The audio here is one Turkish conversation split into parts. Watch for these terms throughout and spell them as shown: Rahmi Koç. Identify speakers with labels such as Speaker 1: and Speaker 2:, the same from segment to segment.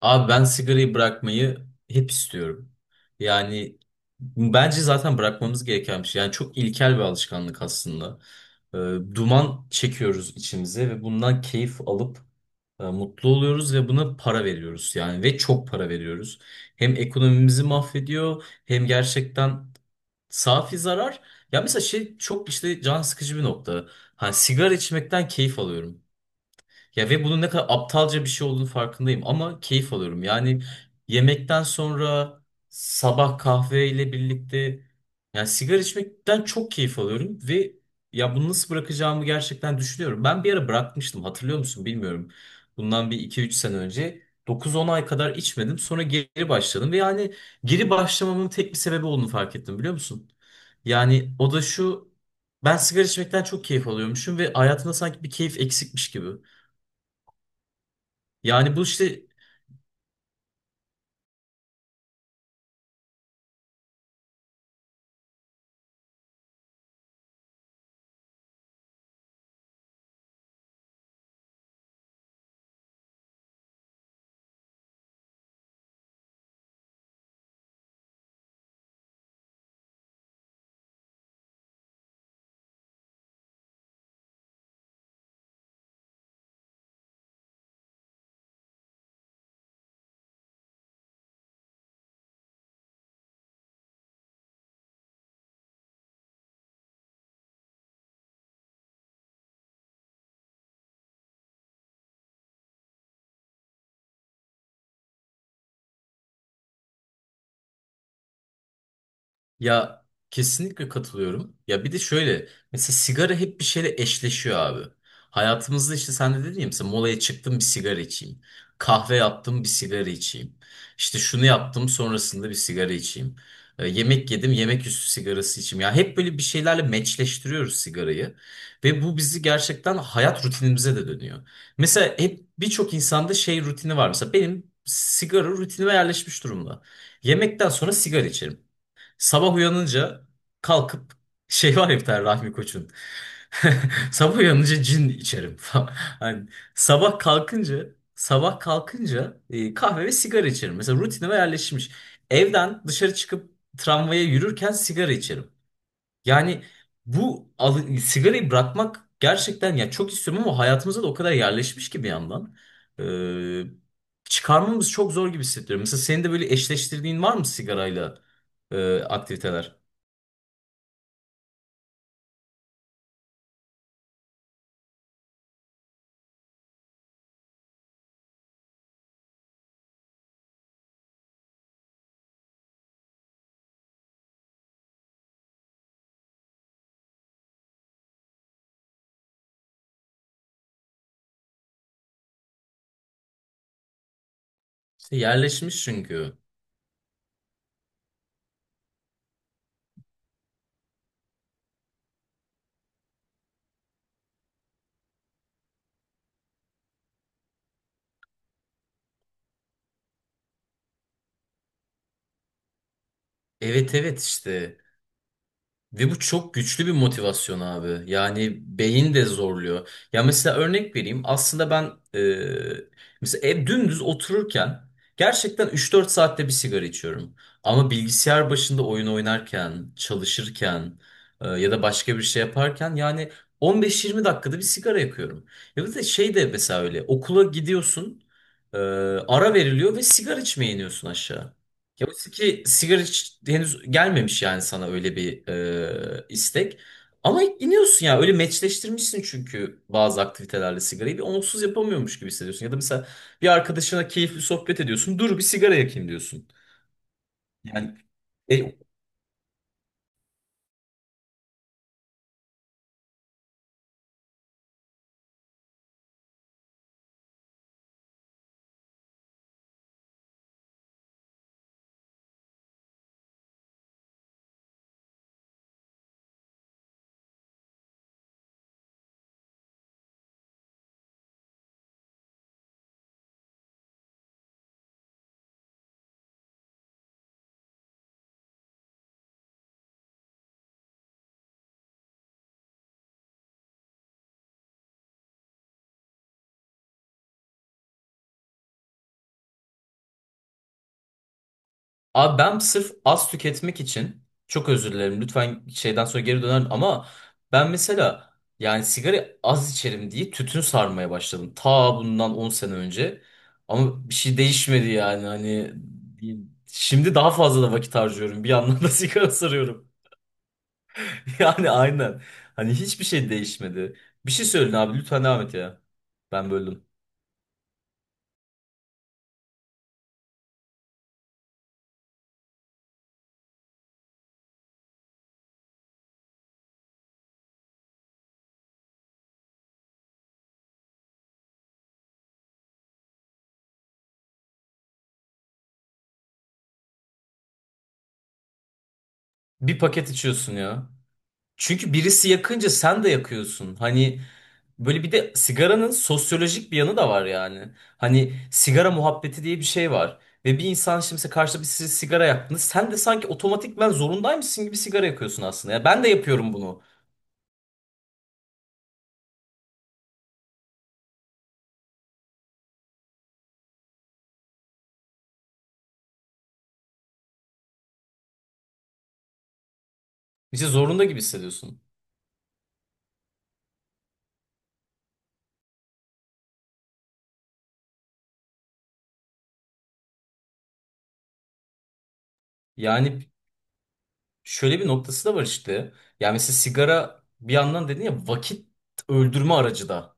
Speaker 1: Abi ben sigarayı bırakmayı hep istiyorum. Yani bence zaten bırakmamız gereken bir şey. Yani çok ilkel bir alışkanlık aslında. Ee, Duman çekiyoruz içimize ve bundan keyif alıp mutlu oluyoruz ve buna para veriyoruz yani ve çok para veriyoruz. Hem ekonomimizi mahvediyor hem gerçekten safi zarar. Ya mesela şey çok işte can sıkıcı bir nokta. Hani sigara içmekten keyif alıyorum. Ya ve bunun ne kadar aptalca bir şey olduğunu farkındayım ama keyif alıyorum. Yani yemekten sonra sabah kahveyle birlikte yani sigara içmekten çok keyif alıyorum ve ya bunu nasıl bırakacağımı gerçekten düşünüyorum. Ben bir ara bırakmıştım, hatırlıyor musun bilmiyorum. Bundan bir iki üç sene önce 9-10 ay kadar içmedim, sonra geri başladım ve yani geri başlamamın tek bir sebebi olduğunu fark ettim, biliyor musun? Yani o da şu, ben sigara içmekten çok keyif alıyormuşum ve hayatımda sanki bir keyif eksikmiş gibi. Yani bu işte. Ya kesinlikle katılıyorum. Ya bir de şöyle, mesela sigara hep bir şeyle eşleşiyor abi. Hayatımızda işte sen de dedin ya, mesela molaya çıktım bir sigara içeyim. Kahve yaptım bir sigara içeyim. İşte şunu yaptım sonrasında bir sigara içeyim. Yemek yedim yemek üstü sigarası içeyim. Ya hep böyle bir şeylerle meçleştiriyoruz sigarayı. Ve bu bizi gerçekten hayat rutinimize de dönüyor. Mesela hep birçok insanda şey rutini var. Mesela benim sigara rutinime yerleşmiş durumda. Yemekten sonra sigara içerim. Sabah uyanınca kalkıp şey var ya bir tane Rahmi Koç'un. Sabah uyanınca cin içerim falan. Hani sabah kalkınca sabah kalkınca kahve ve sigara içerim. Mesela rutinime yerleşmiş. Evden dışarı çıkıp tramvaya yürürken sigara içerim. Yani bu sigarayı bırakmak gerçekten, ya çok istiyorum ama hayatımıza da o kadar yerleşmiş ki bir yandan. Çıkarmamız çok zor gibi hissediyorum. Mesela senin de böyle eşleştirdiğin var mı sigarayla aktiviteler? İşte yerleşmiş çünkü. Evet, evet, işte. Ve bu çok güçlü bir motivasyon abi. Yani beyin de zorluyor. Ya mesela örnek vereyim. Aslında ben e, mesela ev dümdüz otururken gerçekten 3-4 saatte bir sigara içiyorum. Ama bilgisayar başında oyun oynarken, çalışırken ya da başka bir şey yaparken yani 15-20 dakikada bir sigara yakıyorum. Ya bir de şey de mesela öyle okula gidiyorsun, e, ara veriliyor ve sigara içmeye iniyorsun aşağı. Ya oysa ki sigara hiç henüz gelmemiş, yani sana öyle bir istek. Ama iniyorsun, ya öyle meçleştirmişsin çünkü bazı aktivitelerle sigarayı bir onsuz yapamıyormuş gibi hissediyorsun. Ya da mesela bir arkadaşına keyifli sohbet ediyorsun. Dur bir sigara yakayım diyorsun. Yani e, Abi ben sırf az tüketmek için çok özür dilerim, lütfen şeyden sonra geri dönerim ama ben mesela yani sigara az içerim diye tütün sarmaya başladım. Ta bundan 10 sene önce ama bir şey değişmedi, yani hani şimdi daha fazla da vakit harcıyorum bir yandan da sigara sarıyorum. Yani aynen hani hiçbir şey değişmedi. Bir şey söyleyin abi, lütfen devam et ya, ben böldüm. Bir paket içiyorsun ya. Çünkü birisi yakınca sen de yakıyorsun. Hani böyle bir de sigaranın sosyolojik bir yanı da var yani. Hani sigara muhabbeti diye bir şey var. Ve bir insan şimdi mesela karşıda bir size sigara yaktığında sen de sanki otomatikman zorundaymışsın gibi sigara yakıyorsun aslında. Ya ben de yapıyorum bunu. İşte zorunda gibi hissediyorsun. Yani şöyle bir noktası da var işte. Yani mesela sigara bir yandan dedin ya, vakit öldürme aracı da.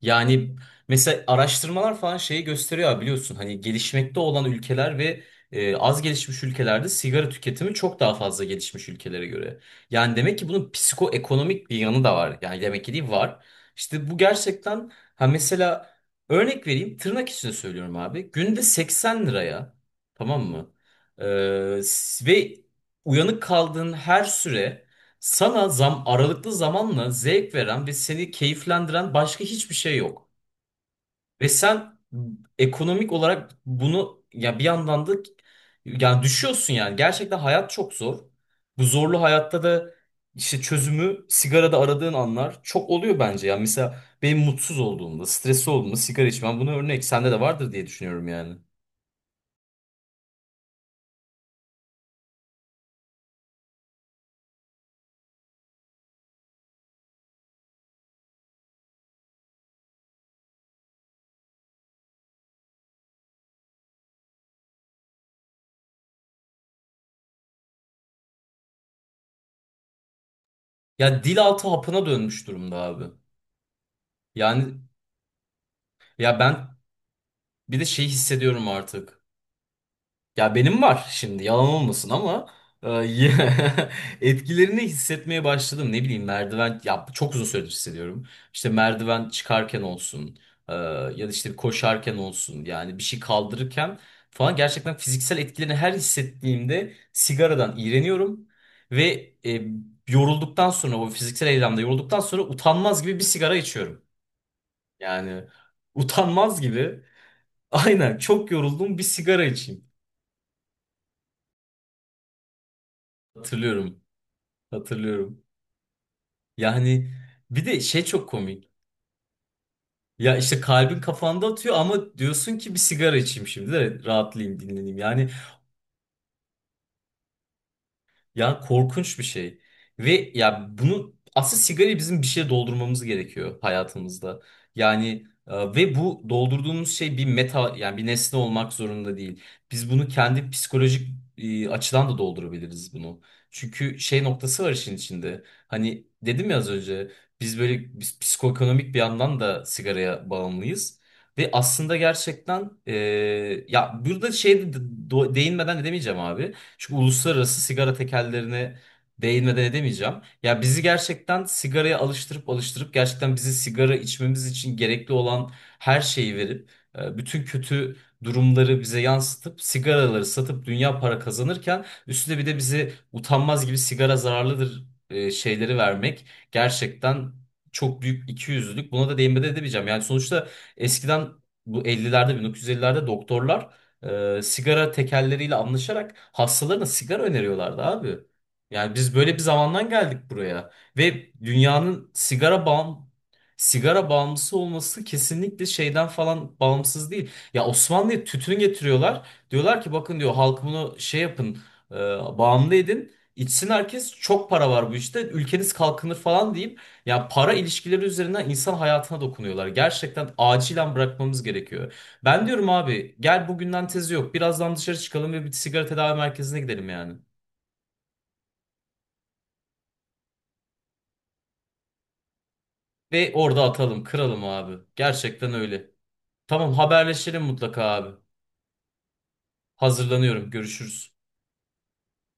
Speaker 1: Yani mesela araştırmalar falan şeyi gösteriyor abi, biliyorsun hani gelişmekte olan ülkeler ve az gelişmiş ülkelerde sigara tüketimi çok daha fazla gelişmiş ülkelere göre. Yani demek ki bunun psikoekonomik bir yanı da var. Yani demek ki değil var. İşte bu gerçekten, ha mesela örnek vereyim, tırnak içinde söylüyorum abi. Günde 80 liraya, tamam mı? Ve uyanık kaldığın her süre sana zam aralıklı zamanla zevk veren ve seni keyiflendiren başka hiçbir şey yok. Ve sen ekonomik olarak bunu ya bir yandan da yani düşüyorsun yani. Gerçekten hayat çok zor. Bu zorlu hayatta da işte çözümü sigarada aradığın anlar çok oluyor bence. Yani mesela benim mutsuz olduğumda, stresli olduğumda sigara içmem, bunu örnek sende de vardır diye düşünüyorum yani. Ya dil altı hapına dönmüş durumda abi. Yani ya ben bir de şey hissediyorum artık. Ya benim var şimdi, yalan olmasın ama e, etkilerini hissetmeye başladım. Ne bileyim merdiven, ya çok uzun süredir hissediyorum. İşte merdiven çıkarken olsun ya da işte koşarken olsun yani bir şey kaldırırken falan, gerçekten fiziksel etkilerini her hissettiğimde sigaradan iğreniyorum ve e, yorulduktan sonra, o fiziksel eylemde yorulduktan sonra utanmaz gibi bir sigara içiyorum. Yani utanmaz gibi aynen, çok yoruldum bir sigara içeyim, hatırlıyorum. Hatırlıyorum. Yani bir de şey çok komik. Ya işte kalbin kafanda atıyor ama diyorsun ki bir sigara içeyim şimdi de rahatlayayım, dinleneyim. Yani ya, korkunç bir şey. Ve ya bunu aslında, sigarayı bizim bir şeye doldurmamız gerekiyor hayatımızda. Yani ve bu doldurduğumuz şey bir meta, yani bir nesne olmak zorunda değil. Biz bunu kendi psikolojik açıdan da doldurabiliriz bunu. Çünkü şey noktası var işin içinde. Hani dedim ya az önce, biz böyle biz psikoekonomik bir yandan da sigaraya bağımlıyız. Ve aslında gerçekten ya burada şey değinmeden edemeyeceğim abi. Şu uluslararası sigara tekellerine değinmeden edemeyeceğim. Ya bizi gerçekten sigaraya alıştırıp alıştırıp, gerçekten bizi sigara içmemiz için gerekli olan her şeyi verip bütün kötü durumları bize yansıtıp sigaraları satıp dünya para kazanırken, üstüne bir de bizi utanmaz gibi sigara zararlıdır şeyleri vermek gerçekten çok büyük ikiyüzlülük. Buna da değinmeden edemeyeceğim. Yani sonuçta eskiden, bu 50'lerde 1950'lerde doktorlar sigara tekerleriyle anlaşarak hastalarına sigara öneriyorlardı abi. Yani biz böyle bir zamandan geldik buraya ve dünyanın sigara bağımlısı olması kesinlikle şeyden falan bağımsız değil. Ya Osmanlı'ya tütün getiriyorlar. Diyorlar ki bakın, diyor, halk bunu şey yapın, e, bağımlı edin. İçsin herkes, çok para var, bu işte ülkeniz kalkınır falan deyip ya, para ilişkileri üzerinden insan hayatına dokunuyorlar. Gerçekten acilen bırakmamız gerekiyor. Ben diyorum abi, gel bugünden tezi yok. Birazdan dışarı çıkalım ve bir sigara tedavi merkezine gidelim yani. Ve orada atalım, kıralım abi. Gerçekten öyle. Tamam, haberleşelim mutlaka abi. Hazırlanıyorum. Görüşürüz.